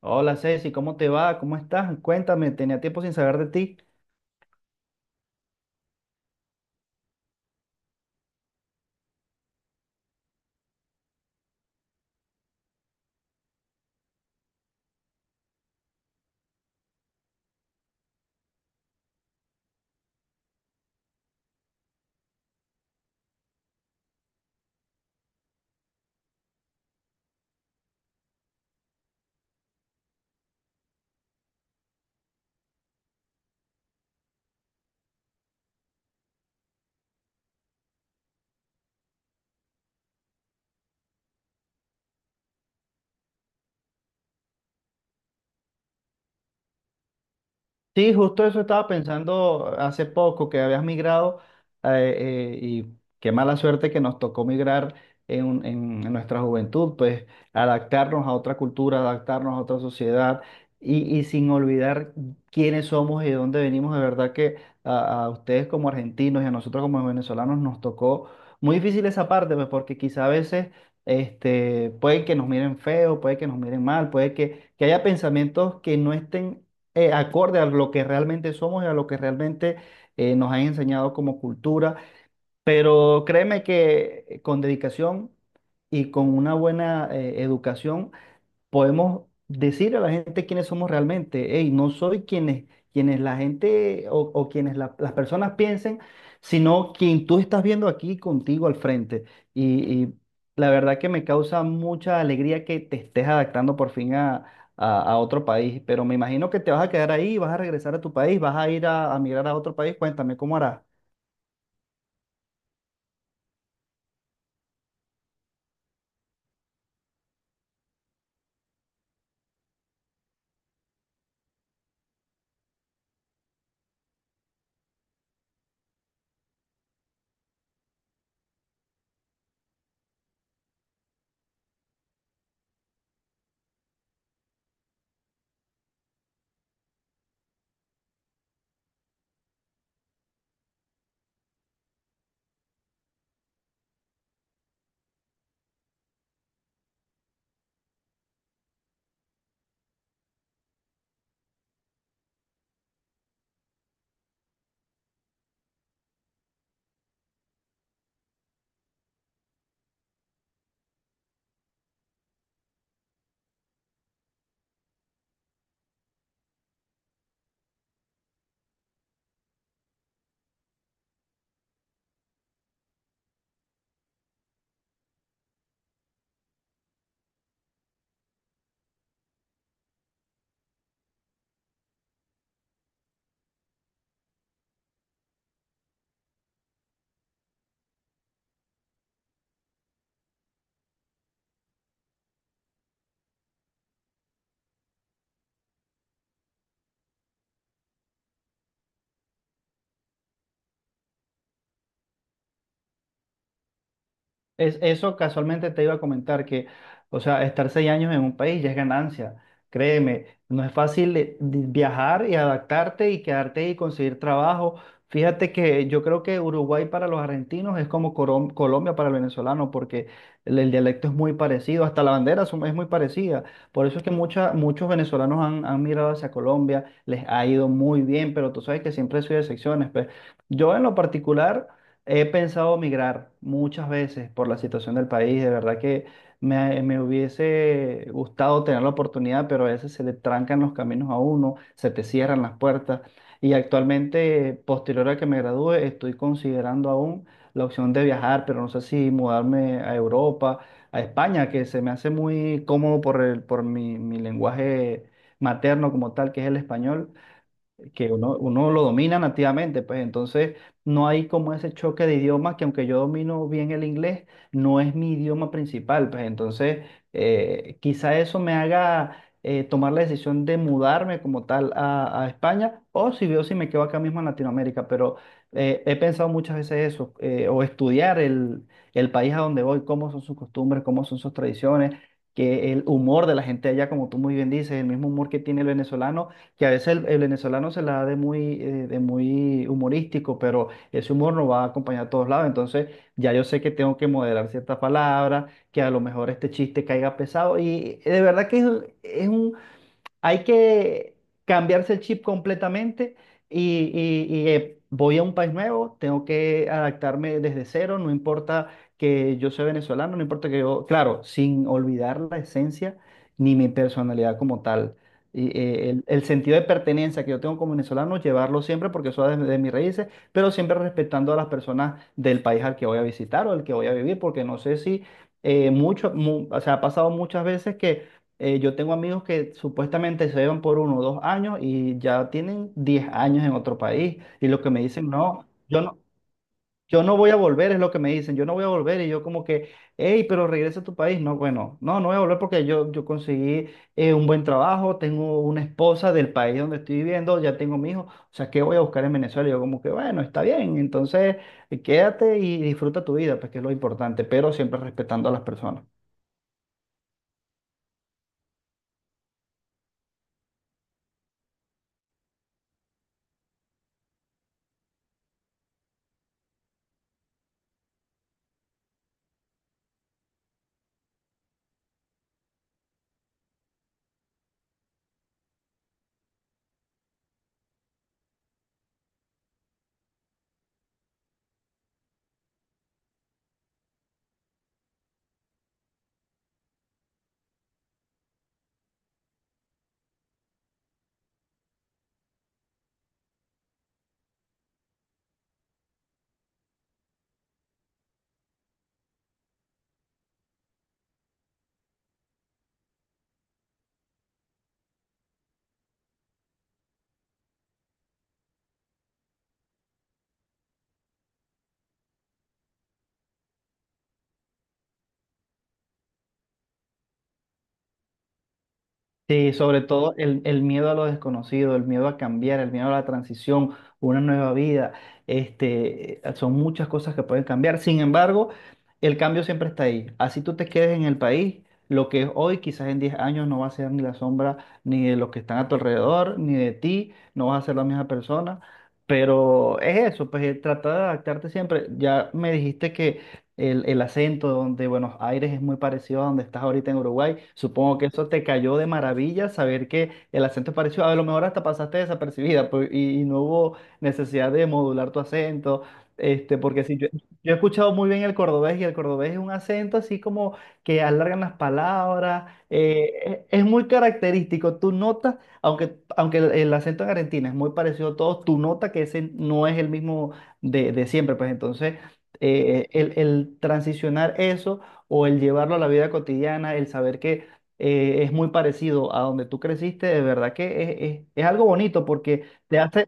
Hola Ceci, ¿cómo te va? ¿Cómo estás? Cuéntame, tenía tiempo sin saber de ti. Sí, justo eso estaba pensando hace poco, que habías migrado y qué mala suerte que nos tocó migrar en nuestra juventud, pues adaptarnos a otra cultura, adaptarnos a otra sociedad y sin olvidar quiénes somos y de dónde venimos. De verdad que a ustedes como argentinos y a nosotros como venezolanos nos tocó muy difícil esa parte, pues porque quizá a veces este, puede que nos miren feo, puede que nos miren mal, puede que haya pensamientos que no estén acorde a lo que realmente somos y a lo que realmente nos han enseñado como cultura. Pero créeme que con dedicación y con una buena educación podemos decir a la gente quiénes somos realmente. Hey, no soy quienes la gente o quienes la- las personas piensen, sino quien tú estás viendo aquí contigo al frente. Y la verdad que me causa mucha alegría que te estés adaptando por fin a, a otro país, pero me imagino que te vas a quedar ahí, vas a regresar a tu país, vas a ir a migrar a otro país. Cuéntame, ¿cómo harás? Es, eso casualmente te iba a comentar que, o sea, estar 6 años en un país ya es ganancia. Créeme, no es fácil de viajar y adaptarte y quedarte y conseguir trabajo. Fíjate que yo creo que Uruguay para los argentinos es como Corom- Colombia para el venezolano, porque el dialecto es muy parecido, hasta la bandera es muy parecida. Por eso es que mucha- muchos venezolanos han, han migrado hacia Colombia, les ha ido muy bien, pero tú sabes que siempre soy de excepciones. Pues yo en lo particular. He pensado migrar muchas veces por la situación del país. De verdad que me hubiese gustado tener la oportunidad, pero a veces se le trancan los caminos a uno, se te cierran las puertas. Y actualmente, posterior a que me gradúe, estoy considerando aún la opción de viajar, pero no sé si mudarme a Europa, a España, que se me hace muy cómodo por el, por mi, mi lenguaje materno como tal, que es el español que uno lo domina nativamente, pues entonces no hay como ese choque de idiomas que aunque yo domino bien el inglés, no es mi idioma principal, pues entonces quizá eso me haga tomar la decisión de mudarme como tal a España o si veo si me quedo acá mismo en Latinoamérica, pero he pensado muchas veces eso, o estudiar el país a donde voy, cómo son sus costumbres, cómo son sus tradiciones, que el humor de la gente allá, como tú muy bien dices, el mismo humor que tiene el venezolano que a veces el venezolano se la da de muy humorístico, pero ese humor no va a acompañar a todos lados. Entonces, ya yo sé que tengo que moderar ciertas palabras, que a lo mejor este chiste caiga pesado. Y de verdad que es un, hay que cambiarse el chip completamente y, y, voy a un país nuevo, tengo que adaptarme desde cero, no importa que yo sea venezolano, no importa que yo, claro, sin olvidar la esencia ni mi personalidad como tal. Y, el sentido de pertenencia que yo tengo como venezolano, llevarlo siempre porque eso es de mis raíces, pero siempre respetando a las personas del país al que voy a visitar o al que voy a vivir, porque no sé si mucho, mu- o sea, ha pasado muchas veces que yo tengo amigos que supuestamente se llevan por 1 o 2 años y ya tienen 10 años en otro país. Y lo que me dicen, no, yo no, yo no voy a volver, es lo que me dicen, yo no voy a volver. Y yo como que, hey, pero regresa a tu país. No, bueno, no, no voy a volver porque yo conseguí un buen trabajo, tengo una esposa del país donde estoy viviendo, ya tengo mi hijo. O sea, ¿qué voy a buscar en Venezuela? Y yo como que, bueno, está bien, entonces quédate y disfruta tu vida, pues que es lo importante, pero siempre respetando a las personas. Sí, sobre todo el miedo a lo desconocido, el miedo a cambiar, el miedo a la transición, una nueva vida, este, son muchas cosas que pueden cambiar. Sin embargo, el cambio siempre está ahí. Así tú te quedes en el país, lo que es hoy, quizás en 10 años no va a ser ni la sombra ni de los que están a tu alrededor, ni de ti, no vas a ser la misma persona. Pero es eso, pues tratar de adaptarte siempre. Ya me dijiste que el acento, donde Buenos Aires es muy parecido a donde estás ahorita en Uruguay. Supongo que eso te cayó de maravilla saber que el acento es parecido. A lo mejor hasta pasaste desapercibida pues, y no hubo necesidad de modular tu acento. Este, porque sí, yo he escuchado muy bien el cordobés y el cordobés es un acento así como que alargan las palabras, es muy característico. Tú notas, aunque, aunque el acento en Argentina es muy parecido a todos, tú notas que ese no es el mismo de siempre. Pues entonces, el transicionar eso o el llevarlo a la vida cotidiana, el saber que es muy parecido a donde tú creciste, de verdad que es algo bonito porque te hace,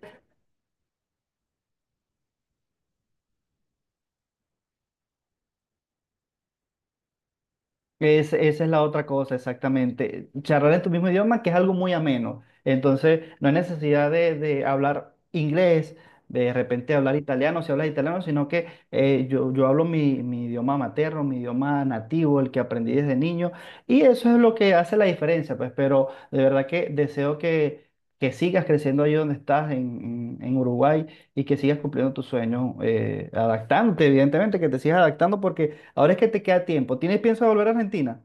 Es, esa es la otra cosa, exactamente. Charlar en tu mismo idioma, que es algo muy ameno. Entonces, no hay necesidad de hablar inglés, de repente hablar italiano, si hablas italiano, sino que yo, yo hablo mi, mi idioma materno, mi idioma nativo, el que aprendí desde niño, y eso es lo que hace la diferencia, pues, pero de verdad que deseo que sigas creciendo ahí donde estás, en, en Uruguay, y que sigas cumpliendo tus sueños, adaptándote, evidentemente, que te sigas adaptando porque... Ahora es que te queda tiempo. ¿Tienes pienso de volver a Argentina?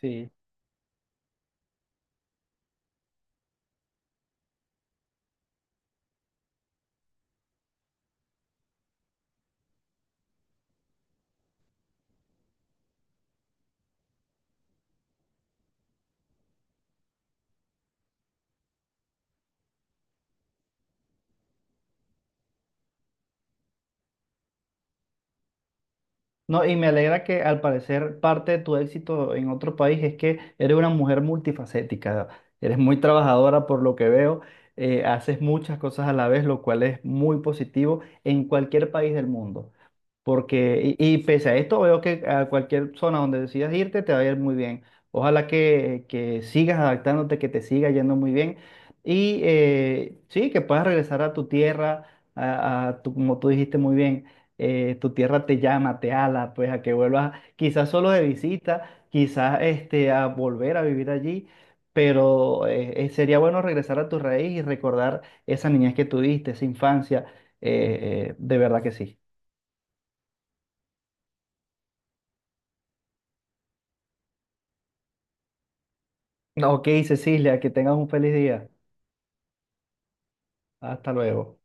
Sí, no, y me alegra que al parecer parte de tu éxito en otro país es que eres una mujer multifacética, eres muy trabajadora por lo que veo, haces muchas cosas a la vez, lo cual es muy positivo en cualquier país del mundo. Porque, y pese a esto, veo que a cualquier zona donde decidas irte te va a ir muy bien. Ojalá que sigas adaptándote, que te siga yendo muy bien. Y sí, que puedas regresar a tu tierra, a tu, como tú dijiste muy bien, tu tierra te llama, te ala, pues a que vuelvas, quizás solo de visita, quizás este, a volver a vivir allí. Pero sería bueno regresar a tu raíz y recordar esa niñez que tuviste, esa infancia. De verdad que sí. No, ok, Cecilia, que tengas un feliz día. Hasta luego.